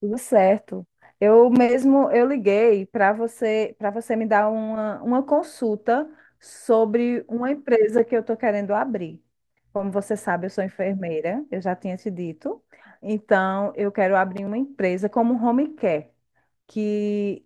Tudo certo. Eu mesmo eu liguei para você me dar uma consulta sobre uma empresa que eu estou querendo abrir. Como você sabe, eu sou enfermeira, eu já tinha te dito. Então, eu quero abrir uma empresa como home care, que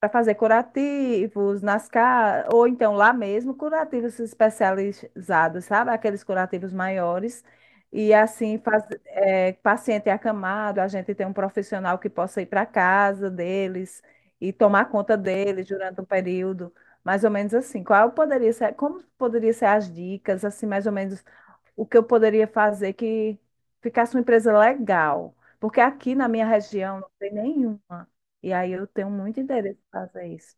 para fazer curativos ou então lá mesmo, curativos especializados, sabe? Aqueles curativos maiores. E assim, paciente acamado, a gente tem um profissional que possa ir para casa deles e tomar conta deles durante um período, mais ou menos assim. Qual poderia ser, como poderia ser as dicas, assim, mais ou menos o que eu poderia fazer que ficasse uma empresa legal. Porque aqui na minha região não tem nenhuma. E aí eu tenho muito interesse em fazer isso.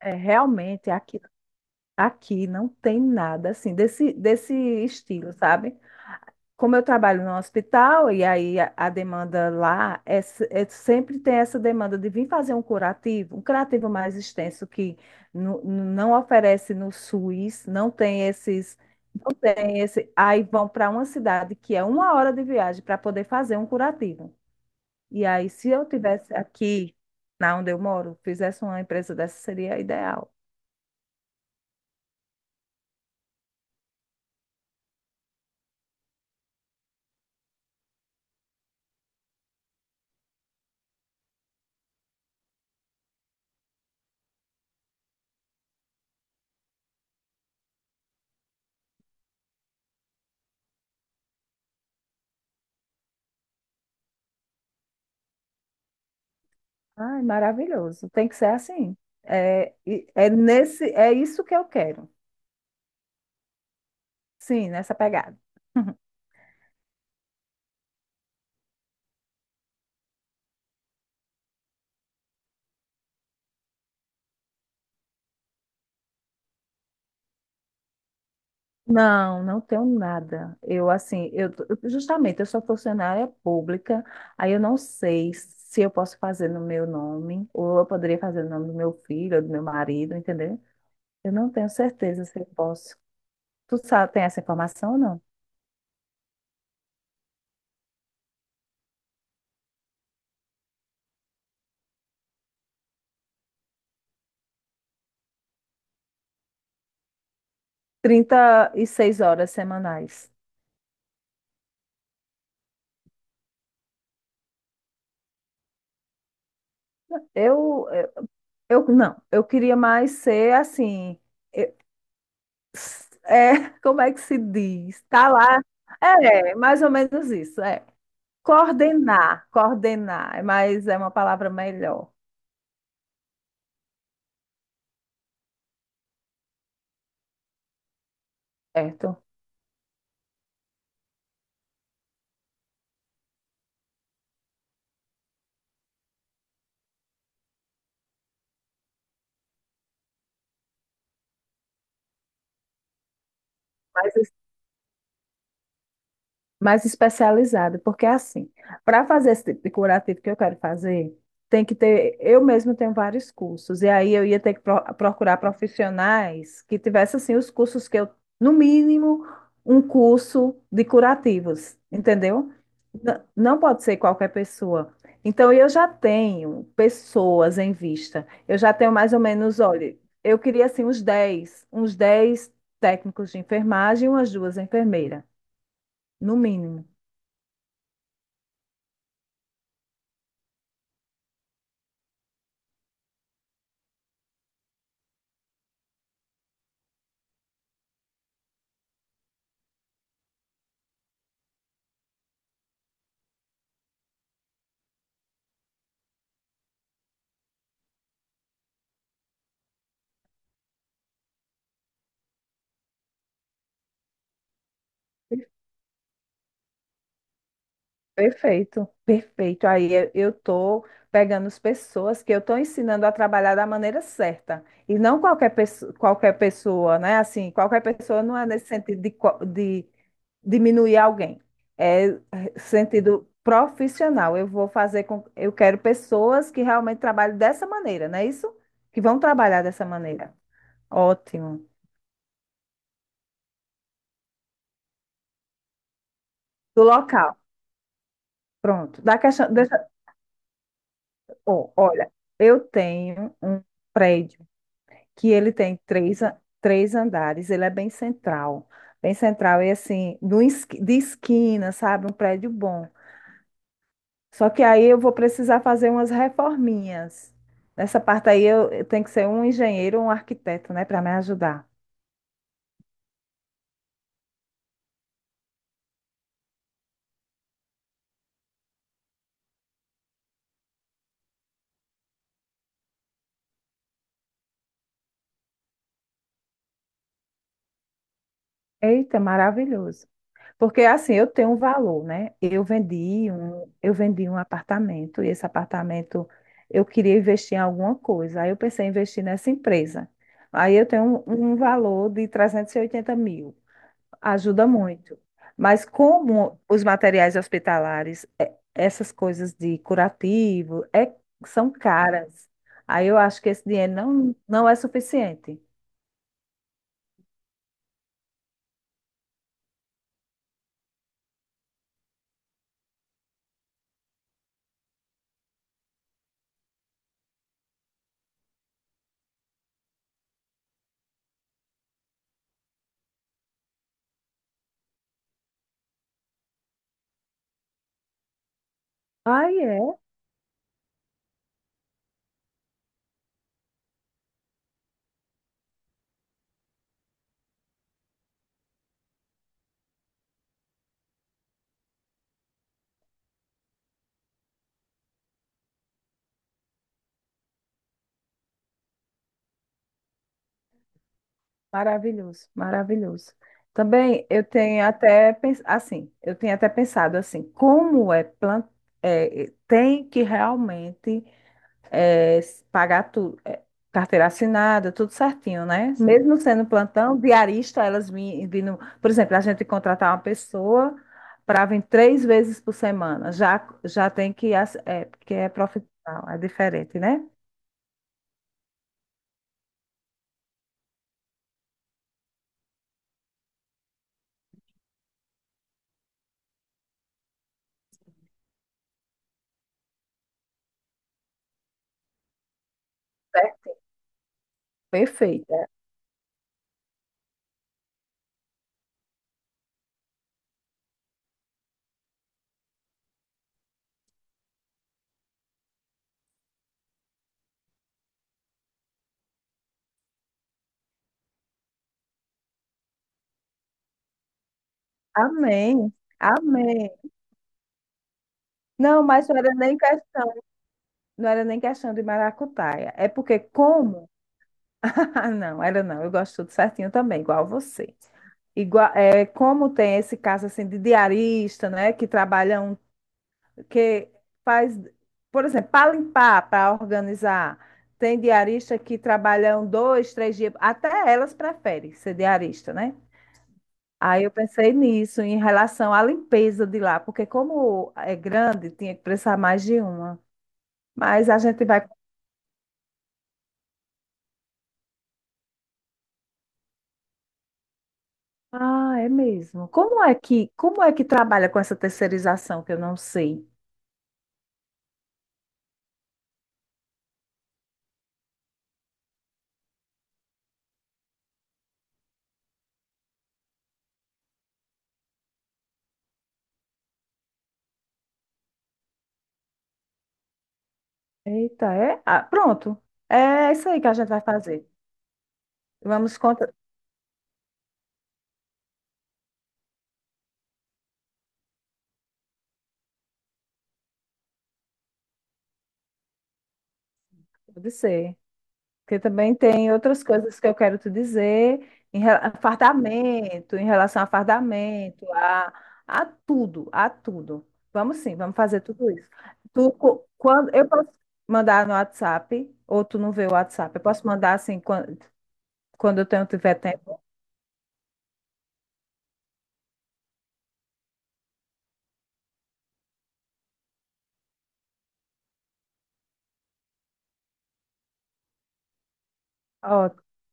É, realmente, aqui, aqui não tem nada assim desse estilo, sabe? Como eu trabalho no hospital, e aí a demanda lá sempre tem essa demanda de vir fazer um curativo mais extenso que não oferece no SUS, não tem esse, aí vão para uma cidade que é uma hora de viagem para poder fazer um curativo. E aí, se eu tivesse aqui, na onde eu moro, fizesse uma empresa dessa, seria ideal. Ai, maravilhoso. Tem que ser assim. É nesse, é isso que eu quero. Sim, nessa pegada. Não, não tenho nada. Justamente, eu sou funcionária pública, aí eu não sei se eu posso fazer no meu nome, ou eu poderia fazer no nome do meu filho, ou do meu marido, entendeu? Eu não tenho certeza se eu posso. Tu sabe, tem essa informação ou não? 36 horas semanais. Eu, eu, não, eu queria mais ser assim, eu- como é que se diz? Tá lá, é, mais ou menos isso, é. Coordenar, mas é uma palavra melhor, certo? Mas mais especializada, porque é assim, para fazer esse tipo de curativo que eu quero fazer, tem que ter, eu mesma tenho vários cursos, e aí eu ia ter que procurar profissionais que tivessem assim os cursos que eu, no mínimo, um curso de curativos, entendeu? Não pode ser qualquer pessoa. Então, eu já tenho pessoas em vista. Eu já tenho mais ou menos, olha, eu queria assim uns 10 técnicos de enfermagem e umas duas enfermeiras, no mínimo. Perfeito, perfeito. Aí eu tô pegando as pessoas que eu tô ensinando a trabalhar da maneira certa. E não qualquer pessoa, qualquer pessoa, né? Assim, qualquer pessoa não é nesse sentido de diminuir alguém. É é, sentido profissional. Eu vou fazer com, eu quero pessoas que realmente trabalhem dessa maneira, não é isso? Que vão trabalhar dessa maneira. Ótimo. Do local. Pronto. Da questão, deixa, ó, olha, eu tenho um prédio que ele tem três andares, ele é bem central, e assim, no esqui- de esquina, sabe, um prédio bom. Só que aí eu vou precisar fazer umas reforminhas. Nessa parte aí eu tenho que ser um engenheiro ou um arquiteto, né, para me ajudar. Eita, maravilhoso. Porque assim, eu tenho um valor, né? Eu vendi um apartamento e esse apartamento eu queria investir em alguma coisa. Aí eu pensei em investir nessa empresa. Aí eu tenho um valor de 380 mil. Ajuda muito. Mas como os materiais hospitalares, essas coisas de curativo, é, são caras. Aí eu acho que esse dinheiro não é suficiente. Aí é, maravilhoso, maravilhoso. Também eu tenho até pensado assim, como é, plan- é, tem que realmente pagar tudo, carteira assinada, tudo certinho, né? Sim. Mesmo sendo plantão, diarista, vindo, por exemplo, a gente contratar uma pessoa para vir três vezes por semana, já já tem que porque é profissional, é diferente, né? Certo. Perfeito. Amém. Amém. Não, mas não era nem questão de maracutaia. É porque como? Ah, não, era não. Eu gosto tudo certinho também, igual você. Igual, é, como tem esse caso assim de diarista, né, que faz, por exemplo, para limpar, para organizar, tem diarista que trabalham dois, três dias, até elas preferem ser diarista, né? Aí eu pensei nisso em relação à limpeza de lá, porque como é grande, tinha que precisar mais de uma. Mas a gente vai. Ah, é mesmo. Como é que trabalha com essa terceirização que eu não sei? Eita, é? Ah, pronto. É isso aí que a gente vai fazer. Vamos contra... Pode ser. Porque também tem outras coisas que eu quero te dizer fardamento, em relação a fardamento, a tudo, a tudo. Vamos sim, vamos fazer tudo isso. Quando eu posso mandar no WhatsApp, ou tu não vê o WhatsApp, eu posso mandar assim eu tenho, tiver tempo. Ó,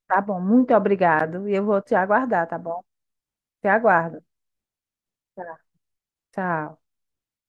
tá bom, muito obrigado. E eu vou te aguardar, tá bom? Te aguardo. Tá. Tchau.